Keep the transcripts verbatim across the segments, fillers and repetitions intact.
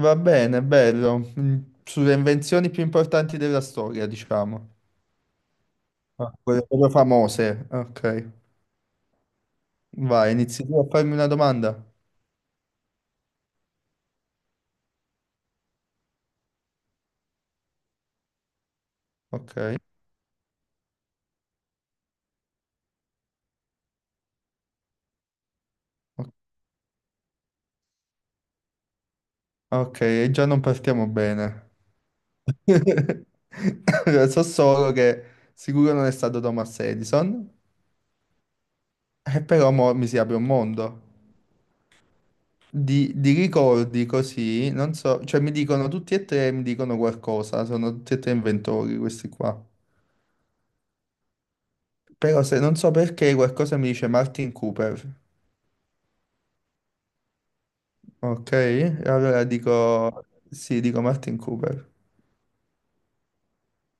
Va bene, bello. Mm, Sulle invenzioni più importanti della storia, diciamo. Ah, quelle proprio famose. Ok. Vai, inizi tu a farmi una domanda. Ok. O- Ok, e già non partiamo bene. So solo che sicuro non è stato Thomas Edison, e però mo mi si apre un mondo. Di, di ricordi così, non so, cioè mi dicono tutti e tre, mi dicono qualcosa, sono tutti e tre inventori questi qua. Però se non so perché qualcosa mi dice Martin Cooper, ok? E allora dico, sì, dico Martin Cooper.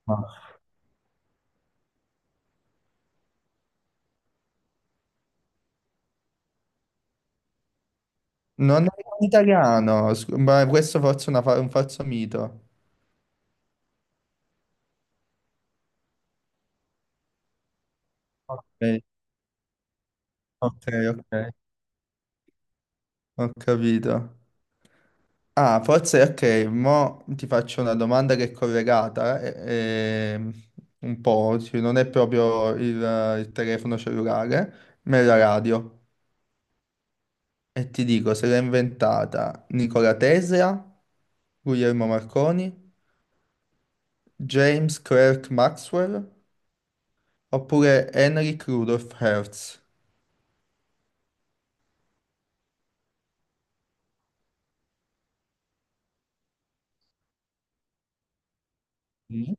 Ah. Non è un italiano, scu- ma questo forse è una fa- un falso mito. Ok, ok, ok, ho capito. Ah, forse, ok, mo ti faccio una domanda che è collegata, eh, ehm, un po', sì, non è proprio il, il telefono cellulare, ma è la radio. E ti dico, se l'ha inventata Nikola Tesla, Guglielmo Marconi, James Clerk Maxwell oppure Henrik Rudolf Hertz. Mm.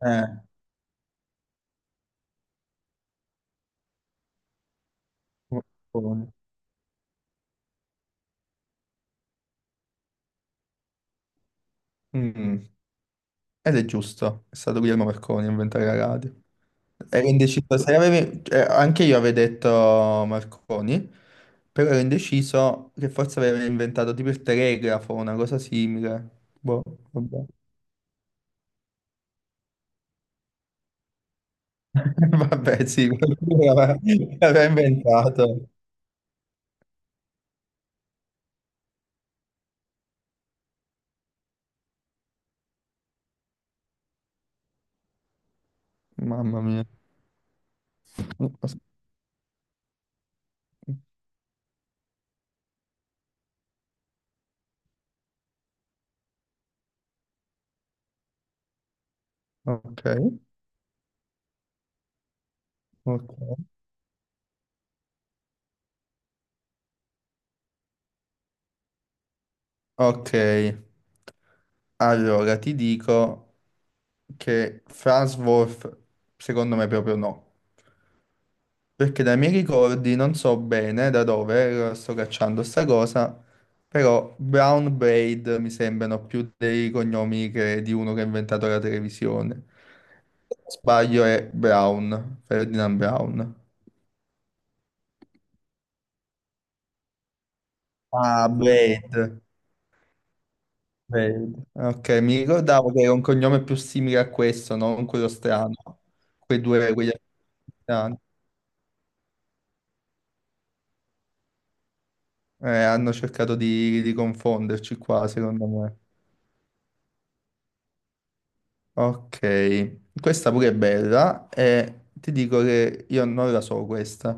Eh, Marconi. Mm. Ed è giusto, è stato Guglielmo Marconi a inventare la radio. Ero indeciso, se avevi- eh, anche io avevo detto Marconi, però ero indeciso che forse aveva inventato tipo il telegrafo, una cosa simile. Boh, vabbè. Vabbè, sì, qualcuno l'aveva l'aveva inventato. Mamma mia. Ok, ok. Ok, allora ti dico che Farnsworth secondo me proprio no. Perché dai miei ricordi non so bene da dove eh, sto cacciando sta cosa, però Brown Braid mi sembrano più dei cognomi che- di uno che ha inventato la televisione. Sbaglio, è Brown, Ferdinand Brown. Ah, Braid. Wade. Ok, mi ricordavo che era un cognome più simile a questo, non quello strano. Quei due, quegli africani. Eh, hanno cercato di, di confonderci qua, secondo me. Ok, questa pure è bella e ti dico che io non la so questa.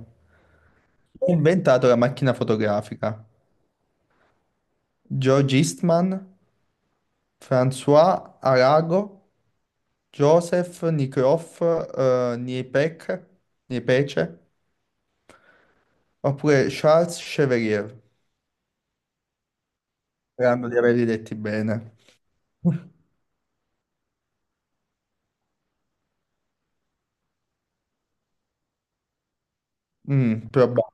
Chi ha inventato la macchina fotografica? George Eastman, François Arago, Joseph Nicroft, eh, Niepec- Niepce, oppure Charles Chevalier. Sperando di averli letti bene. Mm, proba-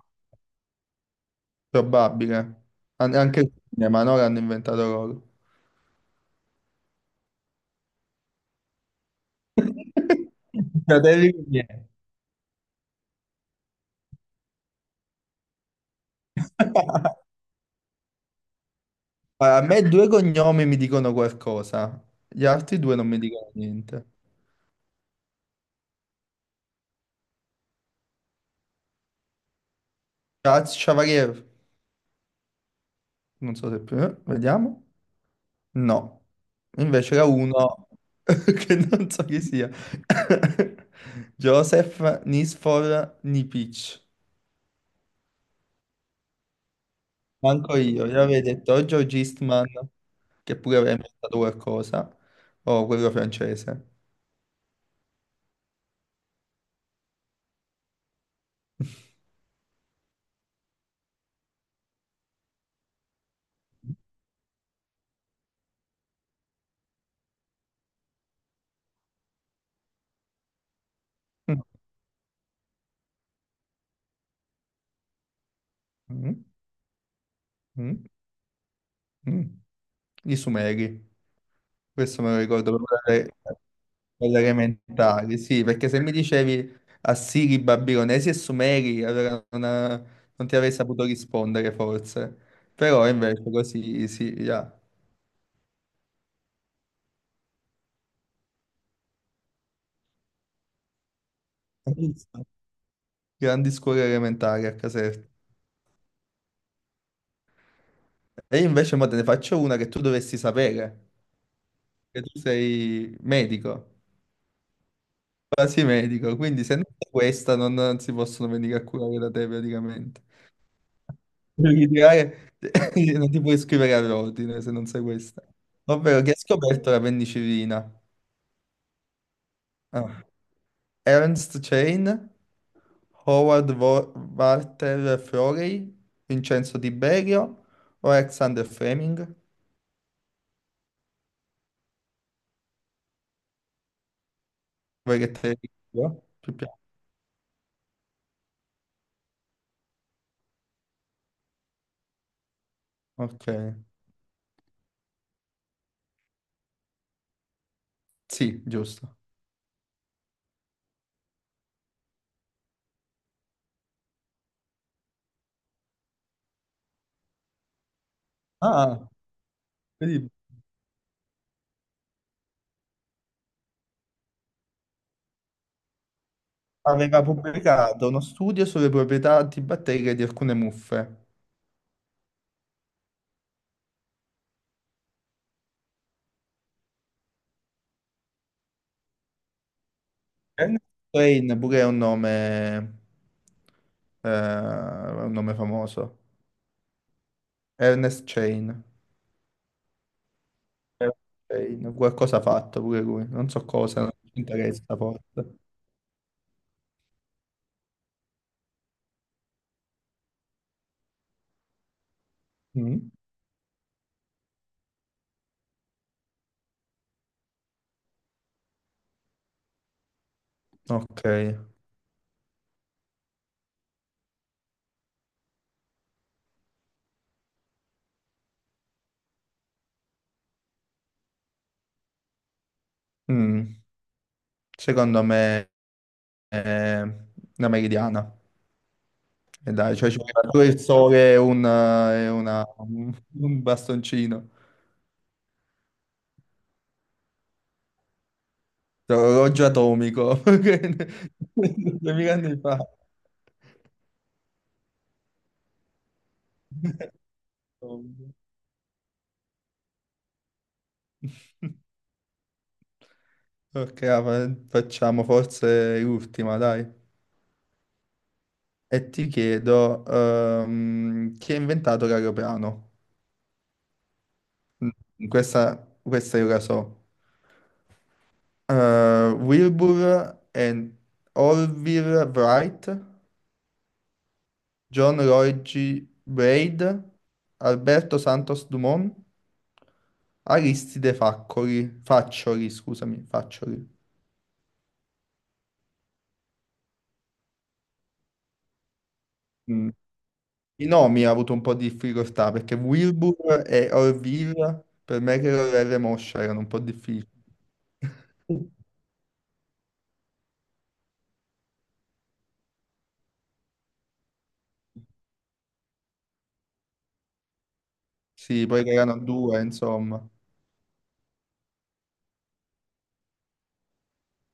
Probabile. An- anche il cinema, no? L'hanno inventato loro. Fratelli Lumiere. Allora, a me due cognomi mi dicono qualcosa, gli altri due non mi dicono niente. Charles Chevalier, non so se più, eh, vediamo. No, invece era uno che non so chi sia. Joseph Nisfor Nipic. Manco io, io, avevo detto o George Eastman che pure aveva inventato qualcosa, o quello francese. Mm, mm, mm, mm. I Sumeri, questo me lo ricordo proprio dalle, dalle elementari, sì, perché se mi dicevi Assiri, Babilonesi e Sumeri, allora non, non ti avrei saputo rispondere forse, però invece così sì, ya. Grandi scuole elementari a Caserta. E io invece mo te ne faccio una che tu dovresti sapere, che tu sei medico. Quasi medico, quindi se non è questa non, non si possono venire a curare da te praticamente. Devi tirare- non ti puoi iscrivere all'ordine se non sai questa. Ovvero, chi ha scoperto la penicillina? Ah. Ernst Chain, Howard Wo- Walter Florey, Vincenzo Tiberio o Alexander Fleming? Vuoi che te le dico? Più piano. Ok, sì, giusto. Ah, vedi, aveva pubblicato uno studio sulle proprietà antibatteriche di alcune muffe. Ernest Wayne pure è un nome, eh, un nome famoso. Ernest Chain. Ernest Chain, qualcosa ha fatto pure lui. Non so cosa, non ci interessa forse. Mm. Ok. Mm. Secondo me è una meridiana. E dai, cioè ci vuole pure il sole e una, e una- un bastoncino. Orologio atomico. duemila anni fa. Insomma. Ok, ah, fa- facciamo forse l'ultima, dai. E ti chiedo, ehm, chi ha inventato l'aeroplano? Mm, Questa, questa io la so. Eh, Wilbur and Orville Wright, John Lloyd G. Braid, Alberto Santos Dumont, Aristide Faccoli, Faccioli, scusami, Faccioli. Mm. I nomi ha avuto un po' di difficoltà perché Wilbur e Orville per me che erano R. Moscia erano un po' difficili. Sì, poi che erano due, insomma.